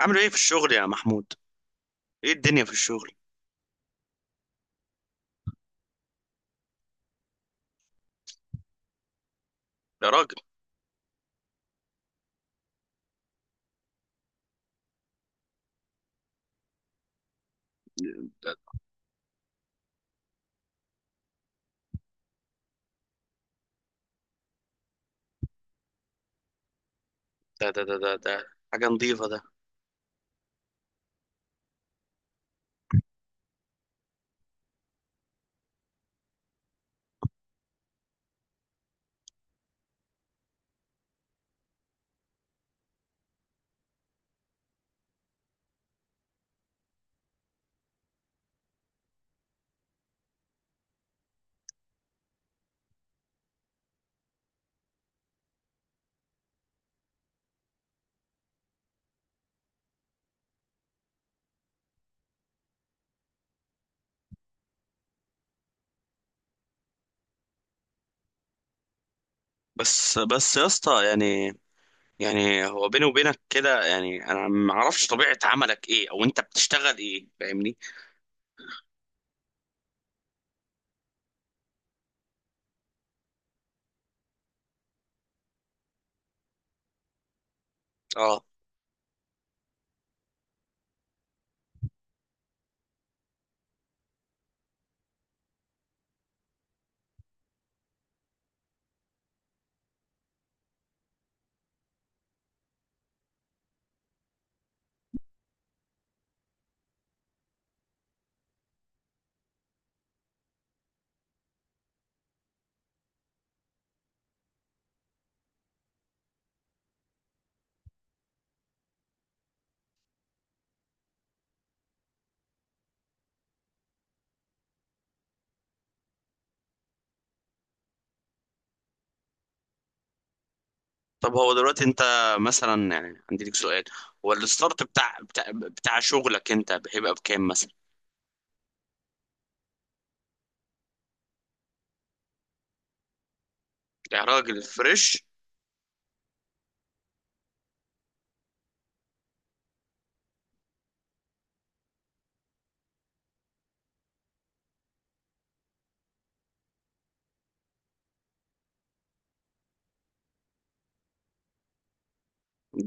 عامل ايه في الشغل يا محمود؟ ايه الدنيا في الشغل؟ يا راجل! ده ده، حاجة نظيفة ده. بس بس يا اسطى يعني. يعني هو بيني وبينك كده، يعني انا ما اعرفش طبيعة عملك ايه، او انت بتشتغل ايه؟ فاهمني. اه. طب هو دلوقتي انت مثلا، يعني عندي لك سؤال. هو الستارت بتاع شغلك انت هيبقى بكام مثلا؟ يا راجل، فريش!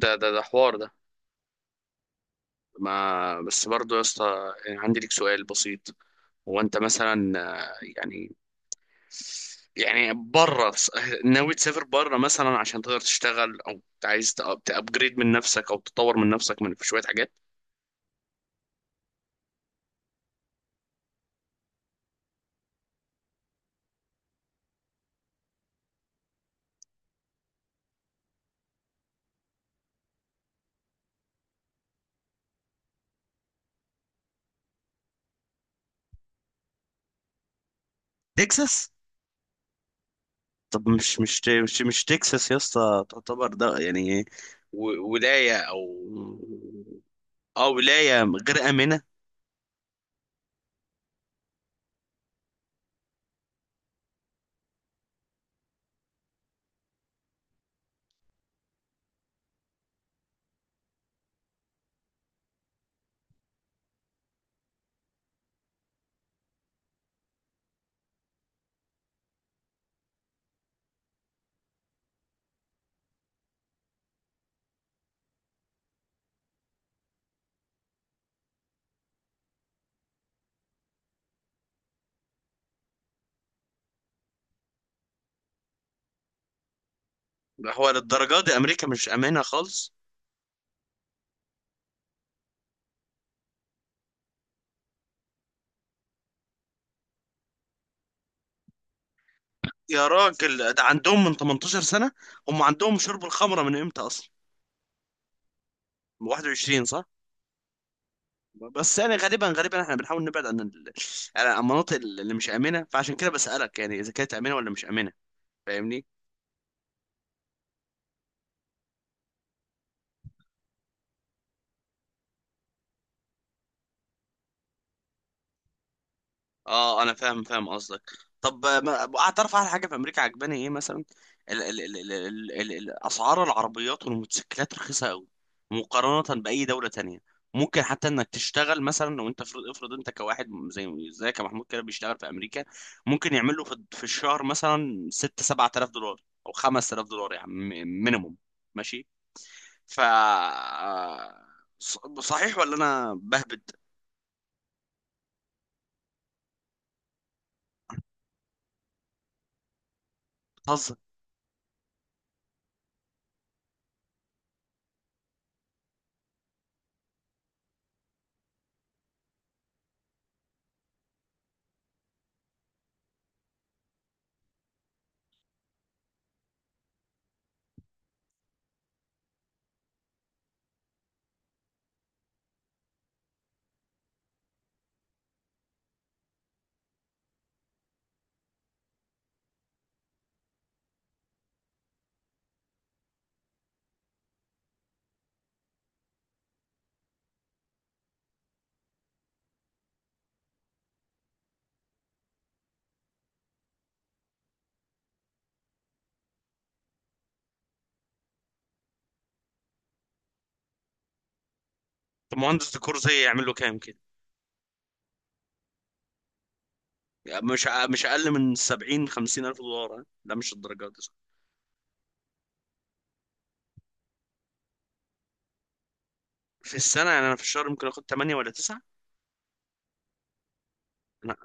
ده حوار ده. ما بس برضه يا اسطى، يعني عندي لك سؤال بسيط. هو انت مثلا يعني، يعني بره، ناوي تسافر بره مثلا عشان تقدر تشتغل، او عايز تابجريد من نفسك او تطور من نفسك من في شويه حاجات. تكساس؟ طب مش تكساس يا اسطى تعتبر ده يعني ولايه، او ولايه غير امنه؟ هو للدرجه دي امريكا مش امنه خالص؟ يا راجل، ده عندهم من 18 سنه! هم عندهم شرب الخمره من امتى اصلا؟ 21 صح؟ بس يعني، غالبا غالبا احنا بنحاول نبعد يعني عن المناطق اللي مش امنه، فعشان كده بسالك، يعني اذا كانت امنه ولا مش امنه، فاهمني. اه، انا فاهم قصدك. طب ما اعترف على حاجه في امريكا عجباني ايه مثلا. ال اسعار العربيات والموتوسيكلات رخيصه قوي، مقارنه باي دوله تانية. ممكن حتى انك تشتغل مثلا، لو انت افرض افرض انت كواحد زي زي كمحمود كده بيشتغل في امريكا، ممكن يعمل له في الشهر مثلا 6 7000 دولار، او 5000 دولار يعني، مينيموم. ماشي. ف صحيح ولا انا بهبد؟ بتهزر. طب مهندس ديكور زي يعمل له كام كده؟ يعني مش اقل من 70 50 الف دولار. ها؟ لا مش الدرجات دي، صح. في السنه. يعني انا في الشهر ممكن اخد 8 ولا 9. لا.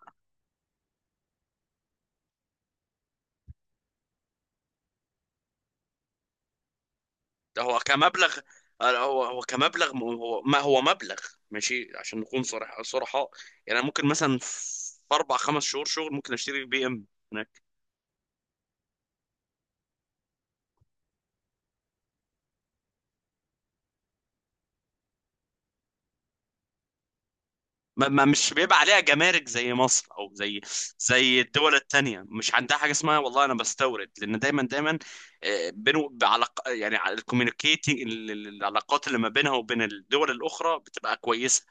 ده هو كمبلغ. هو كمبلغ هو ما هو مبلغ. ماشي، عشان نكون صرحاء. يعني أنا ممكن مثلا في 4 5 شهور شغل ممكن اشتري بي ام. مش بيبقى عليها جمارك زي مصر، او زي الدول التانية مش عندها حاجه اسمها والله انا بستورد، لان دايما دايما بينه بعلاق، يعني الكوميونيكيتنج، العلاقات اللي ما بينها وبين الدول الاخرى بتبقى كويسه.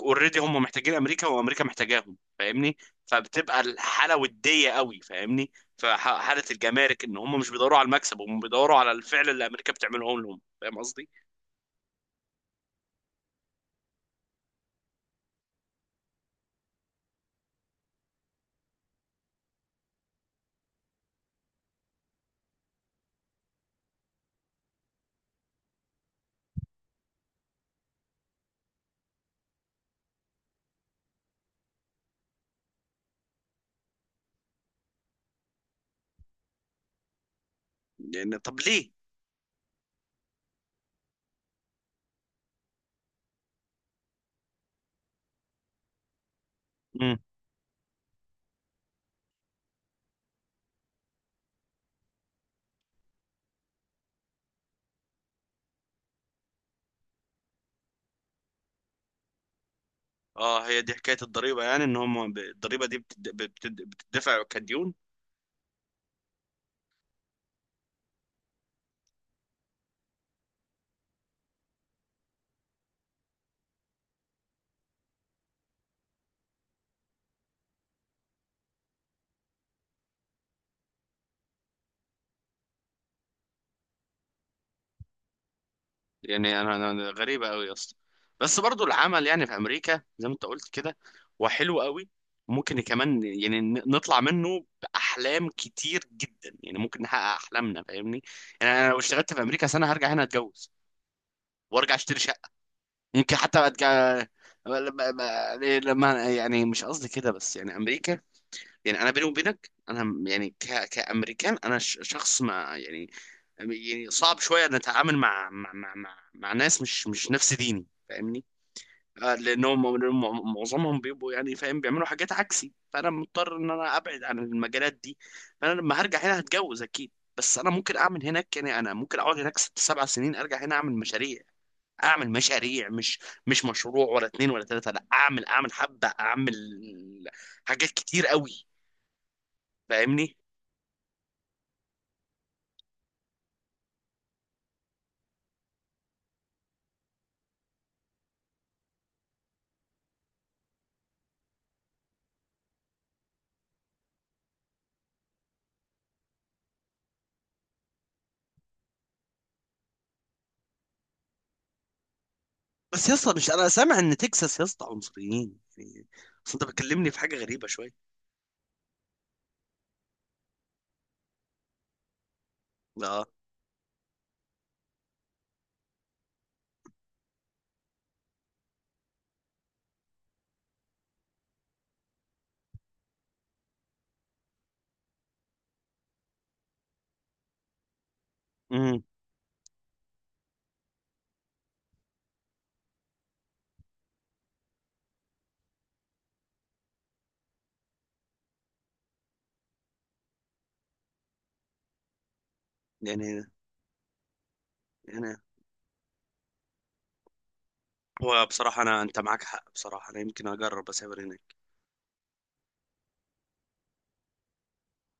اوريدي هم محتاجين امريكا، وامريكا محتاجاهم، فاهمني. فبتبقى الحاله وديه قوي، فاهمني. فحاله الجمارك ان هم مش بيدوروا على المكسب، هم بيدوروا على الفعل اللي امريكا بتعمله لهم، فاهم قصدي؟ يعني طب ليه؟ اه، هي دي حكايه الضريبه، يعني ان هم الضريبه دي بتدفع كديون. يعني انا أنا غريبه قوي يا اسطى. بس برضو العمل يعني في امريكا زي ما انت قلت كده، هو حلو قوي. ممكن كمان يعني نطلع منه باحلام كتير جدا، يعني ممكن نحقق احلامنا، فاهمني. يعني انا لو اشتغلت في امريكا سنه، هرجع هنا اتجوز، وارجع اشتري شقه. يمكن حتى ارجع لما يعني مش قصدي كده، بس يعني امريكا. يعني انا بيني وبينك، انا يعني كامريكان، انا شخص ما، يعني. يعني صعب شويه ان اتعامل مع ناس مش نفس ديني، فاهمني. لانهم معظمهم بيبقوا، يعني فاهم، بيعملوا حاجات عكسي، فانا مضطر ان انا ابعد عن المجالات دي. فانا لما هرجع هنا هتجوز اكيد. بس انا ممكن اعمل هناك، يعني انا ممكن اقعد هناك 6 7 سنين، ارجع هنا اعمل مشاريع. اعمل مشاريع، مش مشروع ولا اتنين ولا تلاته، لا، اعمل اعمل حبه، اعمل حاجات كتير قوي، فاهمني. بس يا اسطى، مش انا سامع ان تكساس يا اسطى عنصريين يعني؟ اصل انت بتكلمني في حاجه غريبه شويه. اه. امم يعني يعني هو، بصراحه انا، انت معاك حق، بصراحه انا يمكن اجرب اسافر هناك.